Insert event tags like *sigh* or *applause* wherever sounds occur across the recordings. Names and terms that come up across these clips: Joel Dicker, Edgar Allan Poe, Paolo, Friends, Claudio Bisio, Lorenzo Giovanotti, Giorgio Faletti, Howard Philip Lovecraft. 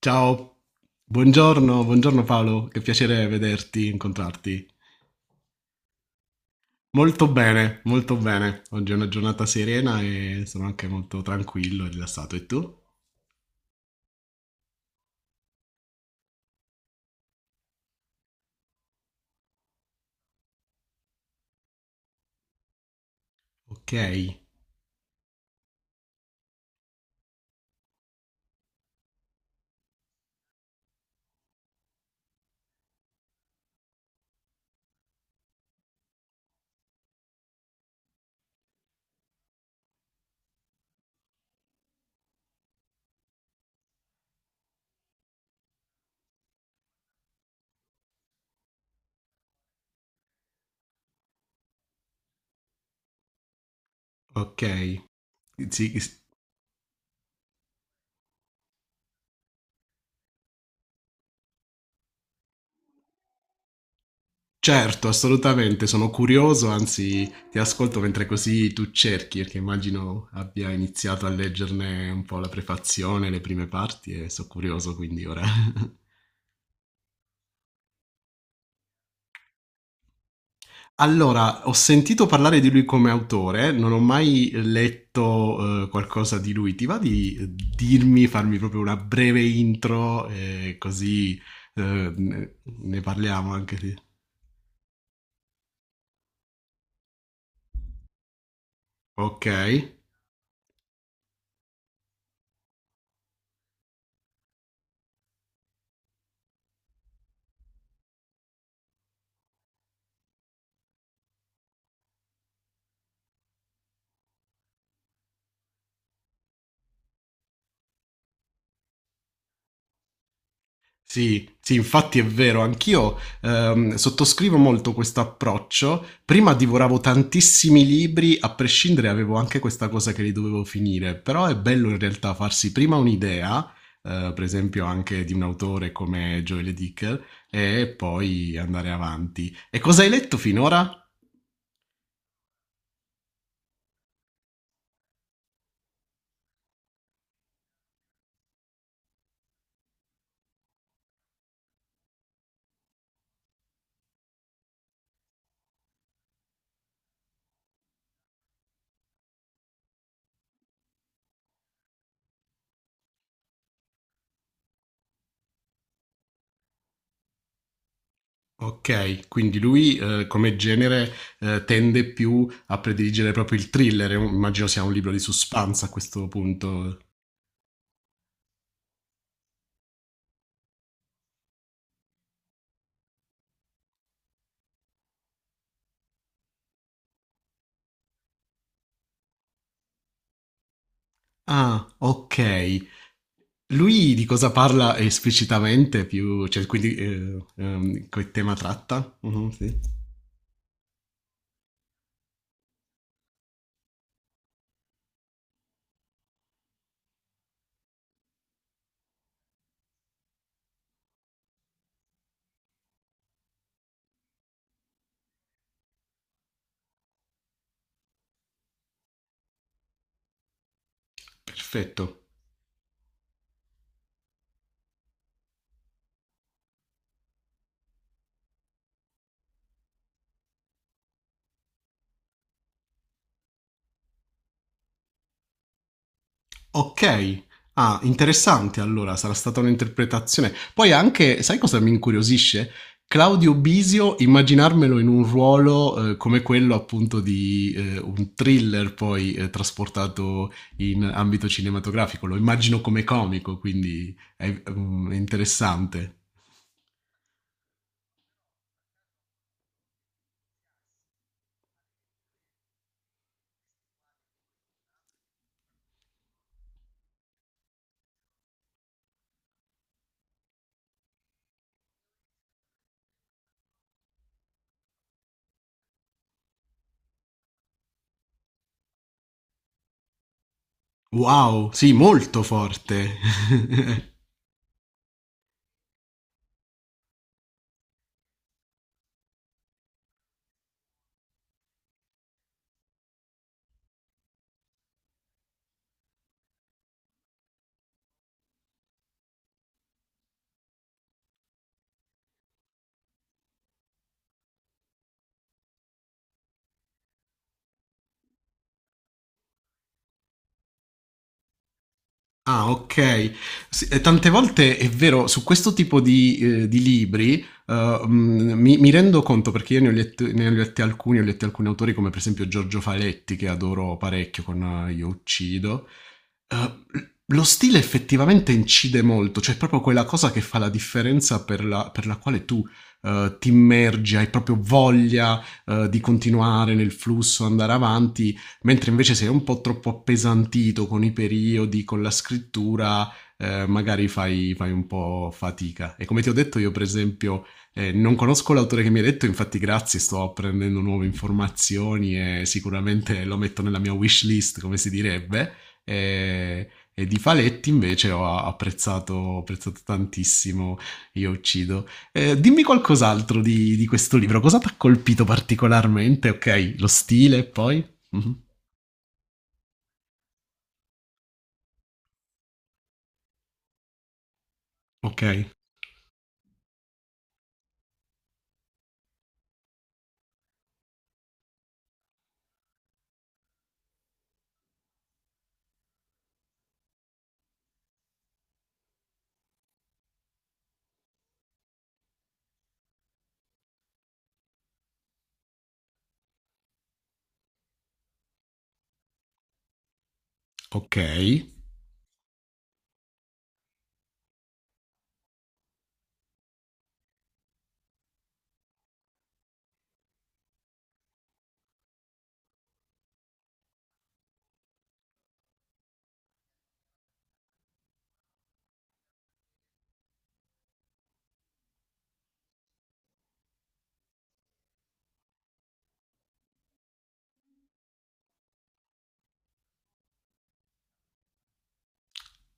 Ciao, buongiorno, buongiorno Paolo, che piacere vederti, incontrarti. Molto bene, molto bene. Oggi è una giornata serena e sono anche molto tranquillo e rilassato. E tu? Ok, ok. Sì, certo, assolutamente, sono curioso, anzi ti ascolto mentre così tu cerchi, perché immagino abbia iniziato a leggerne un po' la prefazione, le prime parti e sono curioso quindi ora. *laughs* Allora, ho sentito parlare di lui come autore, non ho mai letto, qualcosa di lui. Ti va di dirmi, farmi proprio una breve intro, così, ne parliamo anche di... Ok. Sì, sì, infatti è vero, anch'io sottoscrivo molto questo approccio. Prima divoravo tantissimi libri, a prescindere avevo anche questa cosa che li dovevo finire, però è bello in realtà farsi prima un'idea, per esempio anche di un autore come Joel Dicker, e poi andare avanti. E cosa hai letto finora? Ok, quindi lui come genere tende più a prediligere proprio il thriller, immagino sia un libro di suspense a questo punto. Ah, okay. Lui di cosa parla esplicitamente più cioè quindi, che tema tratta? Mh-mh, sì. Perfetto. Okay. Ah, interessante allora, sarà stata un'interpretazione. Poi anche sai cosa mi incuriosisce? Claudio Bisio, immaginarmelo in un ruolo, come quello appunto di, un thriller poi, trasportato in ambito cinematografico. Lo immagino come comico, quindi è v è interessante. Wow, sì, molto forte. *laughs* Ah, ok. Sì, tante volte è vero, su questo tipo di libri mm, mi rendo conto perché io ne ho letto- ne ho letti alcuni autori come per esempio Giorgio Faletti, che adoro parecchio con Io uccido. Lo stile effettivamente incide molto, cioè è proprio quella cosa che fa la differenza per la quale tu ti immergi, hai proprio voglia di continuare nel flusso, andare avanti mentre invece se è un po' troppo appesantito con i periodi, con la scrittura, magari fai un po' fatica. E come ti ho detto io, per esempio, non conosco l'autore che mi ha detto, infatti grazie, sto apprendendo nuove informazioni e sicuramente lo metto nella mia wish list, come si direbbe. E di Faletti invece ho apprezzato tantissimo Io uccido. Dimmi qualcos'altro di questo libro, cosa ti ha colpito particolarmente? Ok, lo stile poi? Mhm. Okay, okay.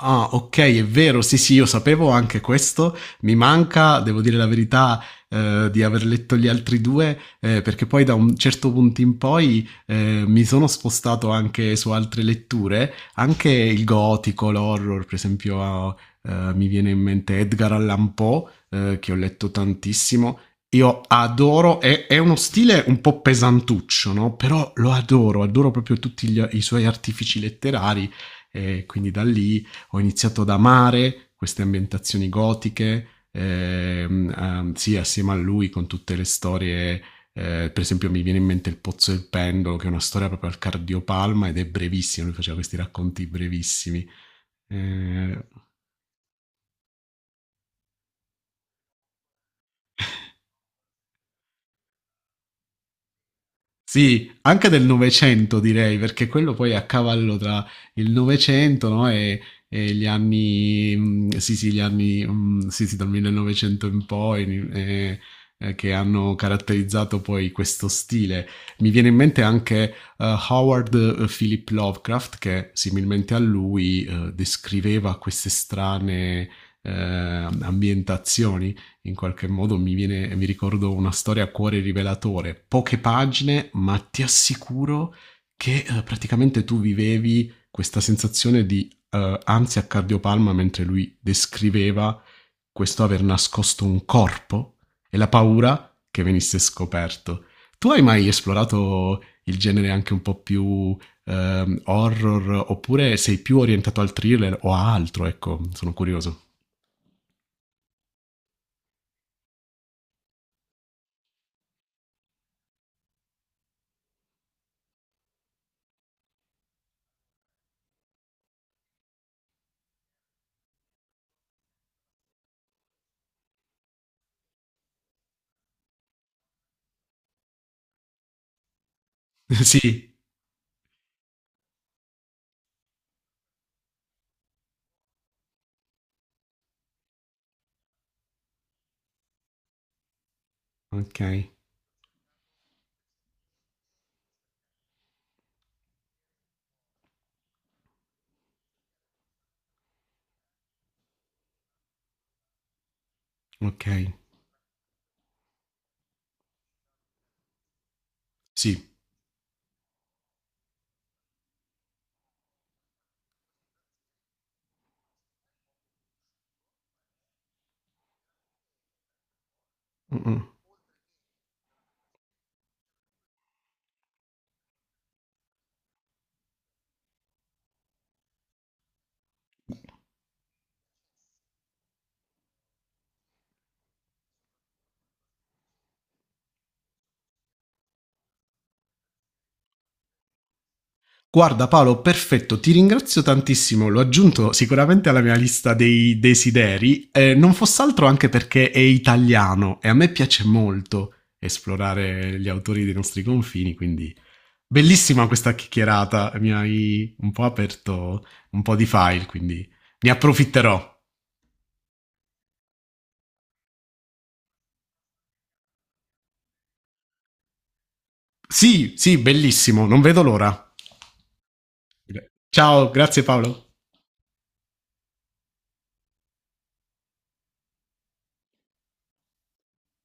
Ah, ok, è vero, sì, sì, io sapevo anche questo. Mi manca, devo dire la verità, di aver letto gli altri due, perché poi da un certo punto in poi mi sono spostato anche su altre letture, anche il gotico, l'horror, per esempio, ah, mi viene in mente Edgar Allan Poe, che ho letto tantissimo. Io adoro, è uno stile un po' pesantuccio, no? Però lo adoro, adoro proprio tutti gli- i suoi artifici letterari. E quindi da lì ho iniziato ad amare queste ambientazioni gotiche, sì, assieme a lui con tutte le storie. Per esempio, mi viene in mente Il Pozzo del Pendolo, che è una storia proprio al cardiopalma ed è brevissima. Lui faceva questi racconti brevissimi. Eh, Sì, anche del Novecento direi, perché quello poi è a cavallo tra il Novecento, no, e gli anni, mm, sì sì, gli anni, mm, sì sì, dal 1900 in poi, che hanno caratterizzato poi questo stile. Mi viene in mente anche Howard Philip Lovecraft, che similmente a lui descriveva queste strane ambientazioni in qualche modo mi viene, mi ricordo una storia a cuore rivelatore, poche pagine, ma ti assicuro che praticamente tu vivevi questa sensazione di ansia a cardiopalma mentre lui descriveva questo aver nascosto un corpo e la paura che venisse scoperto. Tu hai mai esplorato il genere anche un po' più horror oppure sei più orientato al thriller o a altro? Ecco, sono curioso. *laughs* Sì, ok. Ok, sì. Mm-mm. Guarda Paolo, perfetto, ti ringrazio tantissimo, l'ho aggiunto sicuramente alla mia lista dei desideri, non fosse altro anche perché è italiano e a me piace molto esplorare gli autori dei nostri confini, quindi bellissima questa chiacchierata, mi hai un po' aperto un po' di file, quindi ne approfitterò. Sì, sì, bellissimo, non vedo l'ora. Ciao, grazie Paolo.